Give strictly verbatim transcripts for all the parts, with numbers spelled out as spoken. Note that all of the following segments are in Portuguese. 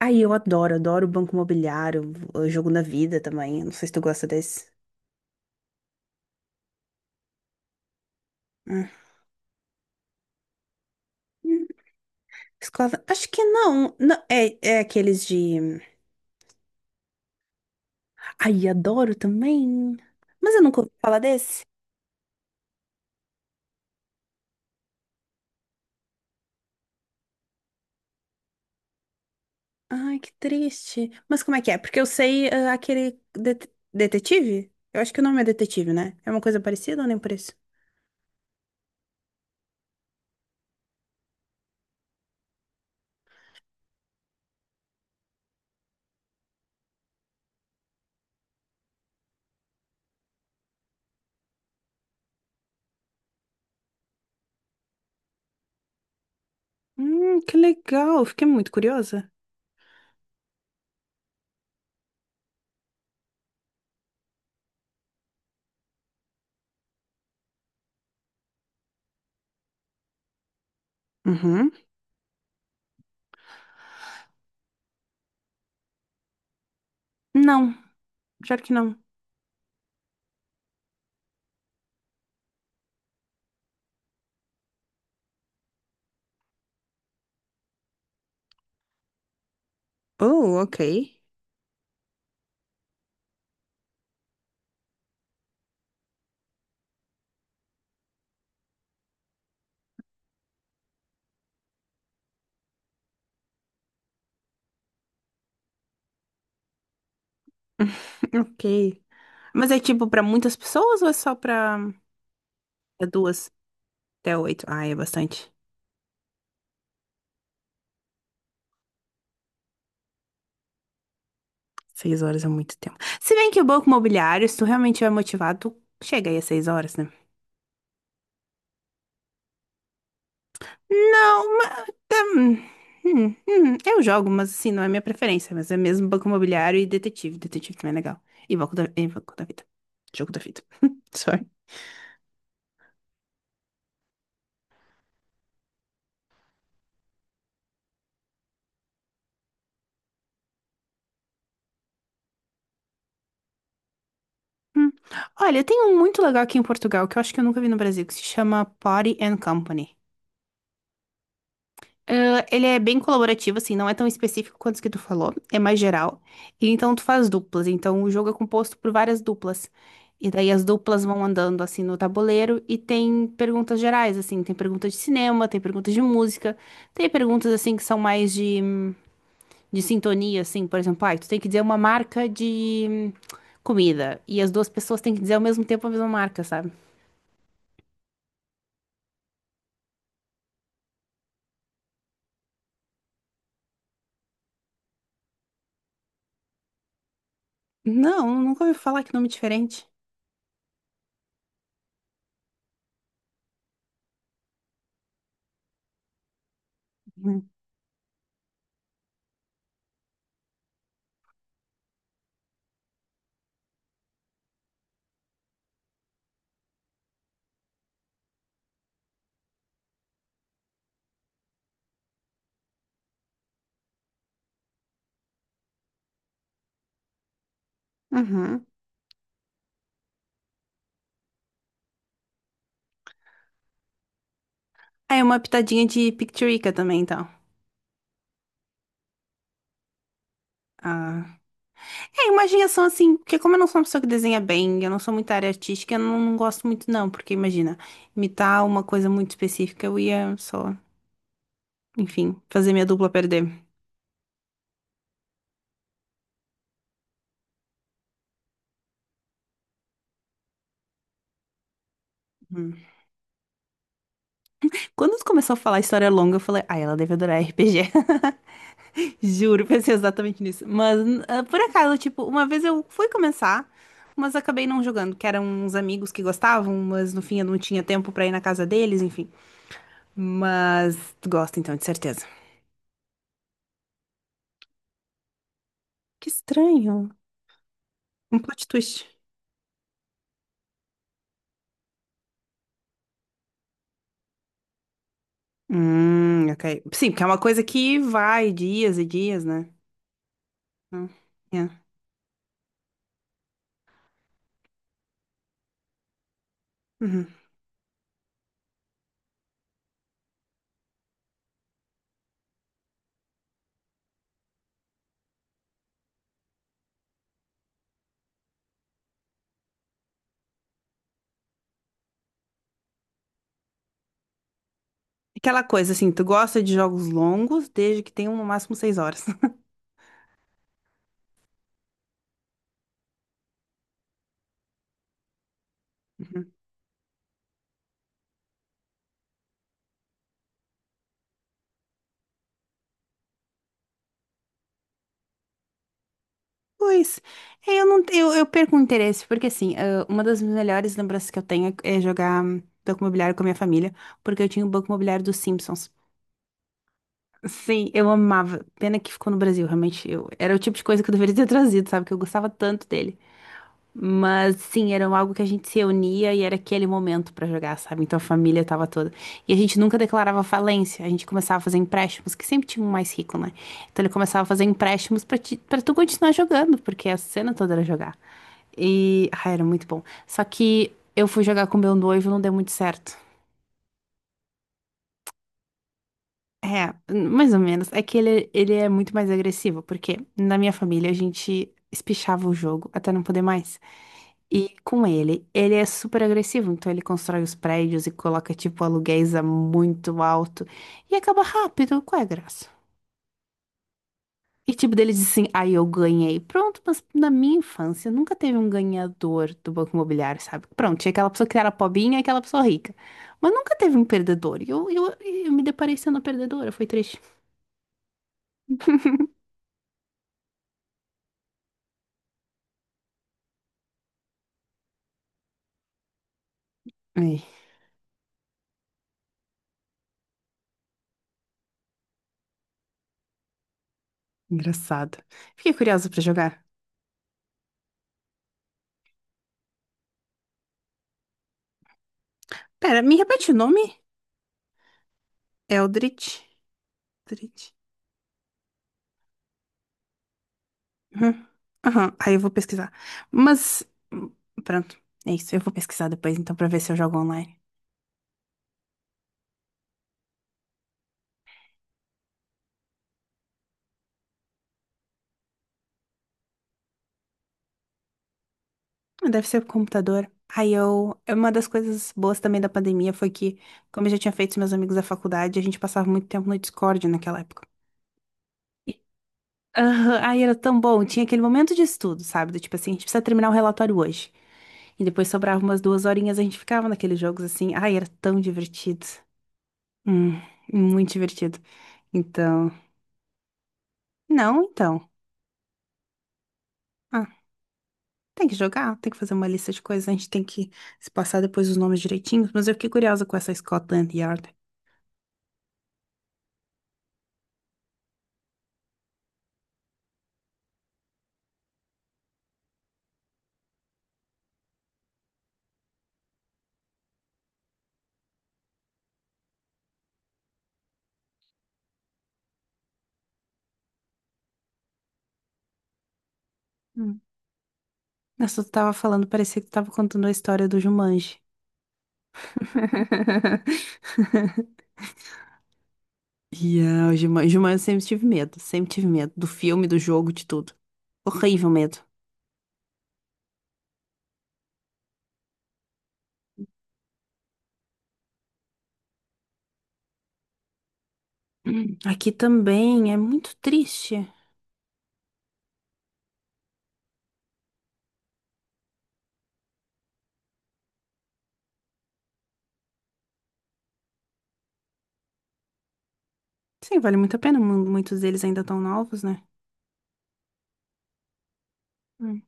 Aí eu adoro, adoro o Banco Imobiliário, o Jogo da Vida também. Não sei se tu gosta desse. Hum. Hum, Escola. Acho que não. Não, é, é aqueles de. Ai, adoro também. Mas eu nunca ouvi falar desse. Ai, que triste. Mas como é que é? Porque eu sei ah, aquele det- detetive? Eu acho que o nome é detetive, né? É uma coisa parecida ou nem por isso? Hum, que legal. Fiquei muito curiosa. Uhum. Não, claro que não. Oh, ok. Ok. Mas é tipo pra muitas pessoas ou é só pra é duas até oito? Ah, é bastante. Seis horas é muito tempo. Se bem que o banco imobiliário, se tu realmente estiver motivado, tu chega aí às seis horas, né? Não, mas. Eu jogo, mas assim, não é minha preferência. Mas é mesmo banco imobiliário e detetive. Detetive também é legal. E banco da, e banco da vida. Jogo da vida. Sorry. Hum. Olha, tem um muito legal aqui em Portugal que eu acho que eu nunca vi no Brasil, que se chama Party and Company. Ah, ele é bem colaborativo, assim, não é tão específico quanto os que tu falou, é mais geral. E então tu faz duplas, então o jogo é composto por várias duplas. E daí as duplas vão andando assim no tabuleiro e tem perguntas gerais, assim, tem perguntas de cinema, tem perguntas de música, tem perguntas assim que são mais de, de sintonia, assim, por exemplo, ah, tu tem que dizer uma marca de hum, comida e as duas pessoas têm que dizer ao mesmo tempo a mesma marca, sabe? Não, nunca ouvi falar, que nome diferente. Uhum. Ah, é uma pitadinha de Picturica também, então. Ah. É, imaginação assim, porque como eu não sou uma pessoa que desenha bem, eu não sou muito da área artística, eu não, não gosto muito não, porque imagina, imitar uma coisa muito específica, eu ia só, enfim, fazer minha dupla perder. Hum. Quando tu começou a falar história longa, eu falei, ah, ela deve adorar R P G. Juro, pensei exatamente nisso. Mas, ah, por acaso, tipo, uma vez eu fui começar, mas acabei não jogando, que eram uns amigos que gostavam, mas no fim eu não tinha tempo pra ir na casa deles, enfim. Mas tu gosta então, de certeza. Que estranho. Um plot twist. Hum, ok. Sim, porque é uma coisa que vai dias e dias, né? Hum, yeah. Uhum. Aquela coisa assim, tu gosta de jogos longos desde que tenham no máximo seis horas. Uhum. Pois, é, eu não eu, eu perco o interesse, porque assim, ah, uma das melhores lembranças que eu tenho é jogar hum, Banco Imobiliário com a minha família, porque eu tinha o Banco Imobiliário dos Simpsons. Sim, eu amava. Pena que ficou no Brasil, realmente. Eu, era o tipo de coisa que eu deveria ter trazido, sabe? Que eu gostava tanto dele. Mas sim, era algo que a gente se reunia e era aquele momento pra jogar, sabe? Então a família tava toda. E a gente nunca declarava falência, a gente começava a fazer empréstimos, que sempre tinha um mais rico, né? Então ele começava a fazer empréstimos pra, ti... pra tu continuar jogando, porque a cena toda era jogar. E. Ah, era muito bom. Só que eu fui jogar com meu noivo e não deu muito certo. É, mais ou menos. É que ele, ele é muito mais agressivo, porque na minha família a gente espichava o jogo até não poder mais. E com ele, ele é super agressivo, então ele constrói os prédios e coloca, tipo, aluguéis a muito alto e acaba rápido, qual é a graça? E, tipo, dele diz assim, aí eu ganhei. Pronto, mas na minha infância nunca teve um ganhador do Banco Imobiliário, sabe? Pronto, tinha aquela pessoa que era pobinha e aquela pessoa rica. Mas nunca teve um perdedor. E eu, eu, eu me deparei sendo a perdedora, foi triste. Ai, engraçado. Fiquei curiosa pra jogar. Pera, me repete o nome? Eldritch. Eldritch. Uhum. Aham, aí eu vou pesquisar. Mas, hum, pronto, é isso. Eu vou pesquisar depois, então, pra ver se eu jogo online. Ah, deve ser o computador. Aí eu. Uma das coisas boas também da pandemia foi que, como eu já tinha feito com meus amigos da faculdade, a gente passava muito tempo no Discord naquela época. E- Aham, aí era tão bom. Tinha aquele momento de estudo, sabe? Do tipo assim, a gente precisa terminar o relatório hoje. E depois sobrava umas duas horinhas, a gente ficava naqueles jogos assim. Ai, era tão divertido. Hum, muito divertido. Então. Não, então. Ah, tem que jogar, tem que fazer uma lista de coisas, a gente tem que se passar depois os nomes direitinhos, mas eu fiquei curiosa com essa Scotland Yard. Hum. Mas tu tava falando, parecia que tu tava contando a história do Jumanji. Yeah, o Jumanji, Jumanji eu sempre tive medo, sempre tive medo do filme, do jogo, de tudo. Horrível medo. Hum. Aqui também é muito triste. Sim, vale muito a pena. mu- Muitos deles ainda estão novos, né? Hum.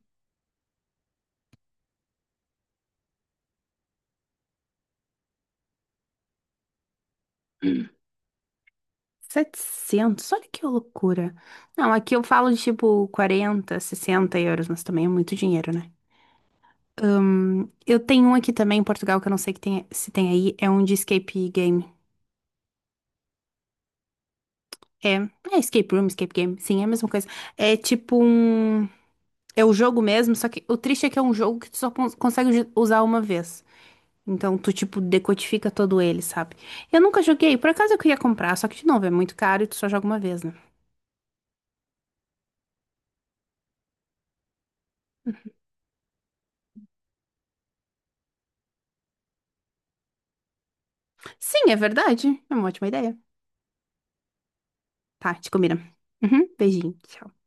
setecentos, olha que loucura. Não, aqui eu falo de tipo quarenta sessenta euros, mas também é muito dinheiro, né? Hum, eu tenho um aqui também em Portugal que eu não sei que tem- se tem aí, é um de escape game. É, é escape room, escape game, sim, é a mesma coisa. É tipo um. É o jogo mesmo, só que o triste é que é um jogo que tu só cons- consegue ju- usar uma vez. Então, tu, tipo, decodifica todo ele, sabe? Eu nunca joguei, por acaso eu queria comprar, só que, de novo, é muito caro e tu só joga uma vez, né? Sim, é verdade. É uma ótima ideia. Tá, te combina. Uhum, beijinho, tchau.